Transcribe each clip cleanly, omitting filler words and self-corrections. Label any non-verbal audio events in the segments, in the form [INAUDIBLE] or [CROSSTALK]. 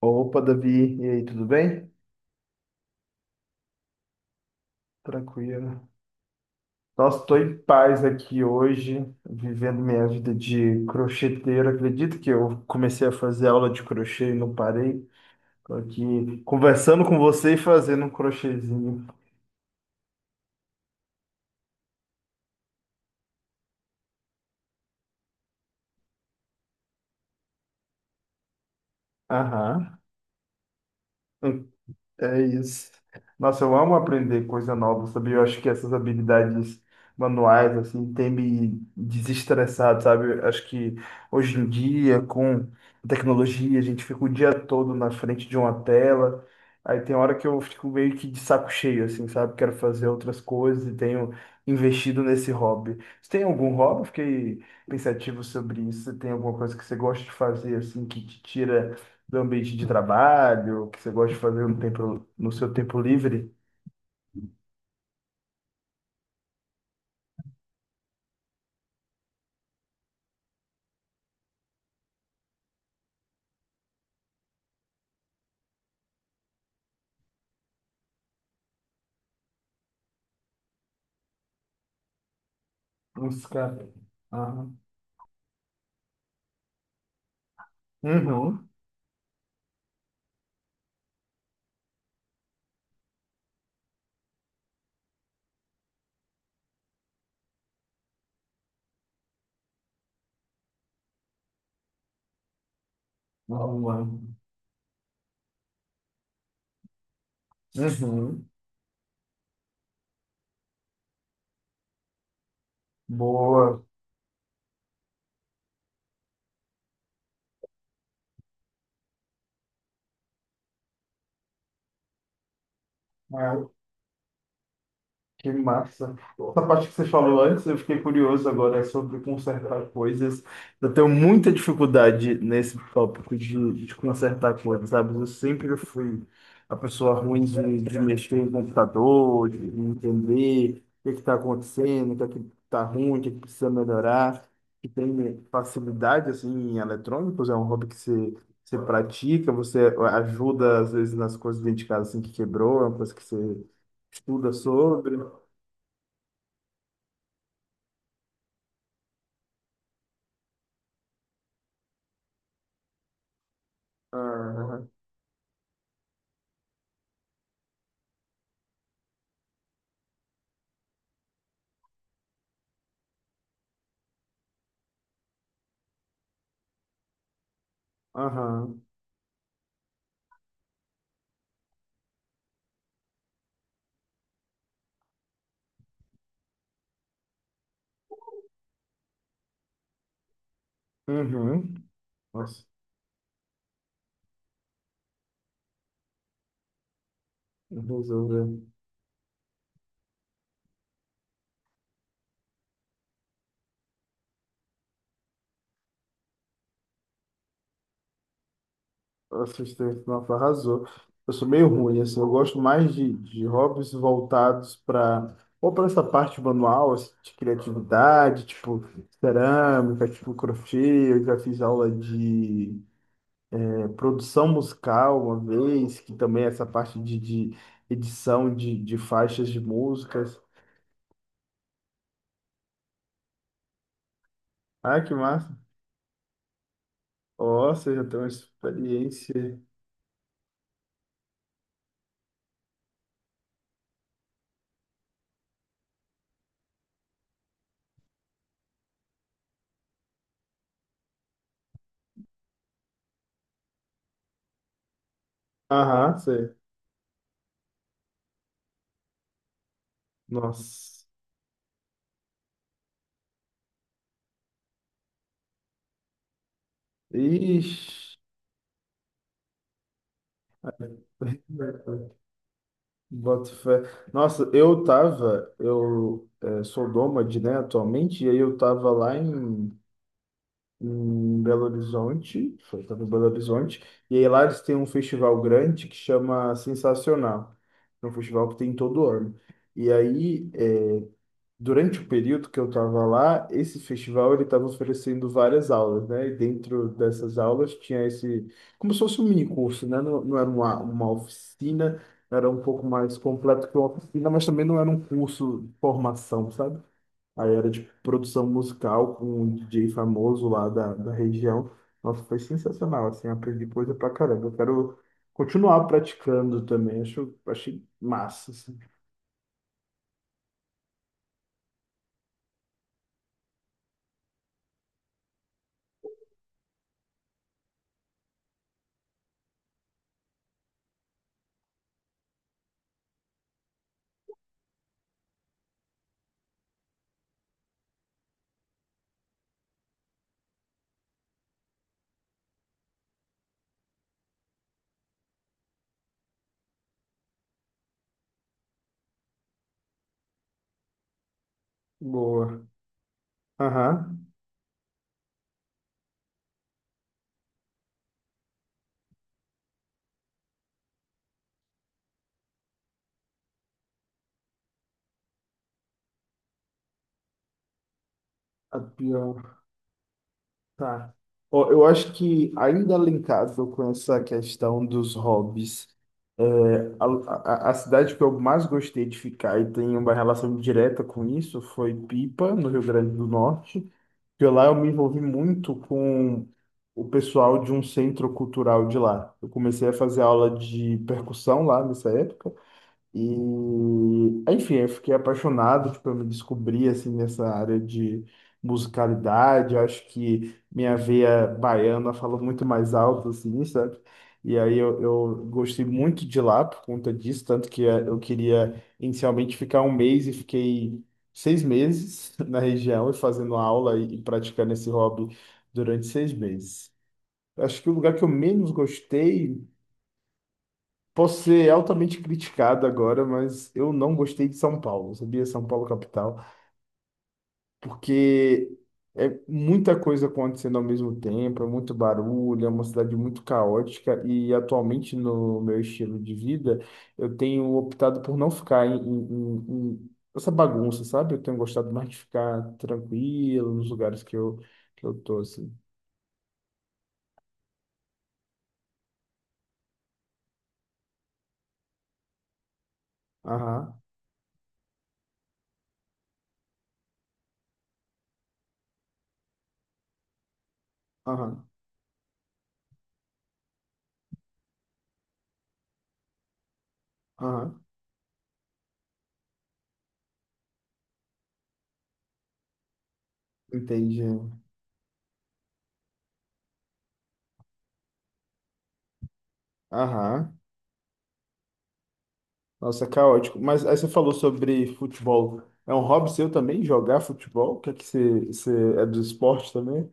Opa, Davi, e aí, tudo bem? Tranquilo. Nossa, estou em paz aqui hoje, vivendo minha vida de crocheteiro. Acredito que eu comecei a fazer aula de crochê e não parei. Estou aqui conversando com você e fazendo um crochêzinho. Aham. É isso. Nossa, eu amo aprender coisa nova, sabe? Eu acho que essas habilidades manuais, assim, têm me desestressado, sabe? Eu acho que hoje em dia, com a tecnologia, a gente fica o dia todo na frente de uma tela. Aí tem hora que eu fico meio que de saco cheio, assim, sabe? Quero fazer outras coisas e tenho investido nesse hobby. Você tem algum hobby? Fiquei pensativo sobre isso. Você tem alguma coisa que você gosta de fazer, assim, que te tira do ambiente de trabalho, que você gosta de fazer no tempo, no seu tempo livre? Nossa, cara. Ah. Uhum. Uhum. Uhum. Boa. Que massa. Essa parte que você falou antes, eu fiquei curioso agora sobre consertar coisas. Eu tenho muita dificuldade nesse tópico de consertar coisas, sabe? Eu sempre fui a pessoa ruim de mexer no computador, de entender o que está acontecendo, o que está ruim, o que é que precisa melhorar. E tem facilidade, assim, em eletrônicos, é um hobby que você pratica, você ajuda, às vezes, nas coisas dentro de casa, assim, que quebrou, é uma coisa que você estuda sobre. Ah. Aham. Aham. Uhum. Nossa, resolveu. Assistente, nossa, arrasou. Eu sou meio ruim, assim, eu gosto mais de hobbies voltados para ou para essa parte manual, assim, de criatividade, tipo cerâmica, tipo crochê, eu já fiz aula de produção musical uma vez, que também é essa parte de edição de faixas de músicas. Ah, que massa! Nossa, eu já tenho uma experiência. Aham, sei. Nossa. Ixi. Boto fé. Nossa, eu tava, eu eh, sou nômade, né, atualmente, e aí eu tava lá em Belo Horizonte, foi, tava em Belo Horizonte, e aí lá eles têm um festival grande que chama Sensacional, é um festival que tem todo ano. E aí, durante o período que eu estava lá, esse festival ele estava oferecendo várias aulas, né? E dentro dessas aulas tinha esse, como se fosse um mini curso, né? Não, não era uma oficina, era um pouco mais completo que uma oficina, mas também não era um curso de formação, sabe? Aí era de produção musical com um DJ famoso lá da região. Nossa, foi sensacional, assim, aprendi coisa pra caramba. Eu quero continuar praticando também, acho, achei massa, assim. Boa. Aham. A pior. Tá. Ó, eu acho que ainda linkado com essa questão dos hobbies, é, a, a cidade que eu mais gostei de ficar e tem uma relação direta com isso foi Pipa, no Rio Grande do Norte, que lá eu me envolvi muito com o pessoal de um centro cultural de lá. Eu comecei a fazer aula de percussão lá nessa época. E, enfim, eu fiquei apaixonado, tipo, eu me descobri, assim, nessa área de musicalidade. Eu acho que minha veia baiana fala muito mais alto, assim, sabe? E aí eu gostei muito de lá por conta disso, tanto que eu queria inicialmente ficar um mês e fiquei seis meses [LAUGHS] na região e fazendo aula e praticando esse hobby durante seis meses. Acho que o lugar que eu menos gostei. Posso ser altamente criticado agora, mas eu não gostei de São Paulo, sabia? São Paulo capital, porque é muita coisa acontecendo ao mesmo tempo, é muito barulho, é uma cidade muito caótica e atualmente no meu estilo de vida eu tenho optado por não ficar em essa bagunça, sabe? Eu tenho gostado mais de ficar tranquilo nos lugares que eu tô assim. Aham, aham, aham, entendi. Aham. Nossa, é caótico. Mas aí você falou sobre futebol. É um hobby seu também jogar futebol? Quer que você é do esporte também?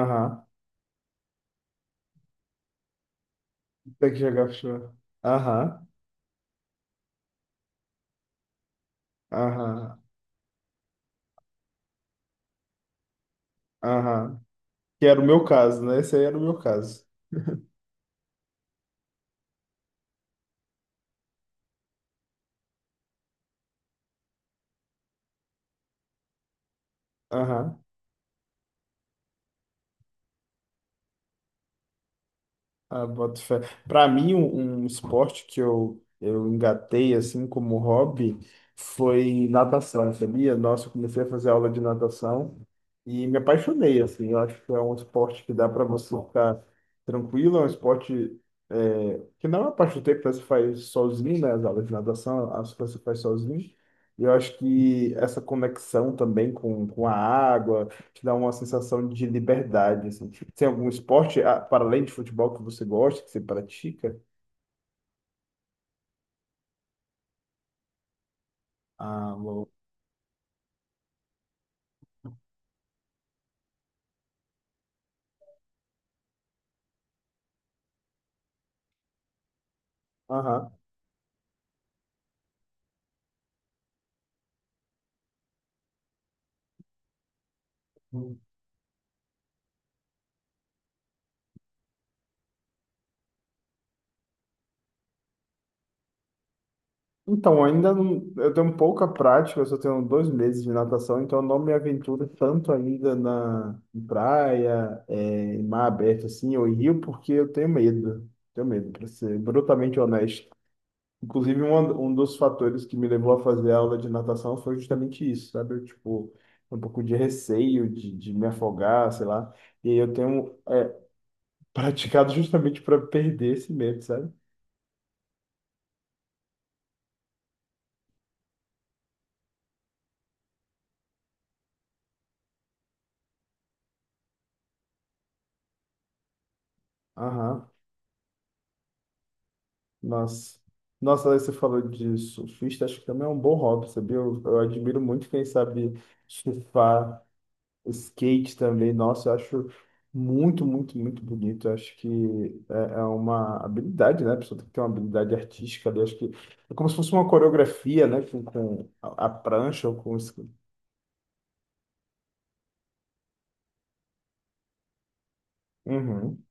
Aham. Tem que jogar futebol. Aham. Aham. Aham. Que era o meu caso, né? Esse aí era o meu caso. Aham. Ah, boto fé. Para mim, um esporte que eu engatei assim como hobby foi natação, sabia? Nossa, eu comecei a fazer aula de natação e me apaixonei, assim. Eu acho que é um esporte que dá para você ficar tranquilo, é um esporte que não é uma parte do tempo que você faz sozinho, né? As aulas de natação, as que você faz sozinho. E eu acho que essa conexão também com a água, te dá uma sensação de liberdade, assim. Tem algum esporte, ah, para além de futebol, que você gosta, que você pratica? Ah, bom. Aham. Então, ainda não, eu tenho pouca prática, eu só tenho dois meses de natação, então eu não me aventuro tanto ainda na em praia, em mar aberto, assim, ou em rio, porque eu tenho medo. Tenho medo, para ser brutalmente honesto. Inclusive, um dos fatores que me levou a fazer aula de natação foi justamente isso, sabe? Eu, tipo, um pouco de receio de me afogar, sei lá. E aí eu tenho [LAUGHS] praticado justamente para perder esse medo, sabe? Aham. Nossa. Nossa, aí você falou de surfista, acho que também é um bom hobby, sabia? Eu admiro muito quem sabe surfar. O skate também, nossa, eu acho muito, muito, muito bonito. Eu acho que é, é uma habilidade, né? A pessoa tem que ter uma habilidade artística ali. Eu acho que é como se fosse uma coreografia, né? Com a prancha ou com o sk- Uhum.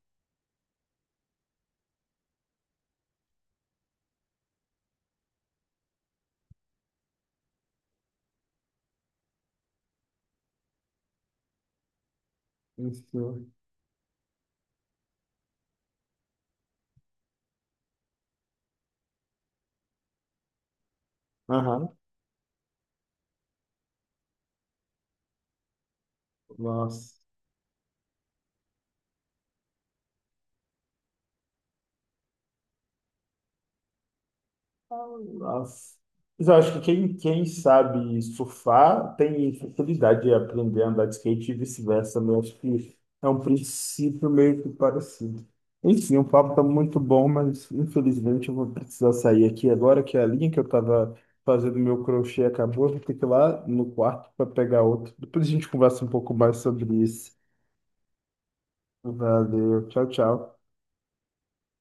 Isso. Aham. Nossa. Nossa. Mas eu acho que quem sabe surfar tem facilidade de aprender a andar de skate e vice-versa, né? Eu acho que é um princípio meio que parecido. Enfim, o papo está muito bom, mas infelizmente eu vou precisar sair aqui agora, que a linha que eu estava fazendo meu crochê acabou. Eu vou ter que ir lá no quarto para pegar outro. Depois a gente conversa um pouco mais sobre isso. Valeu, tchau, tchau.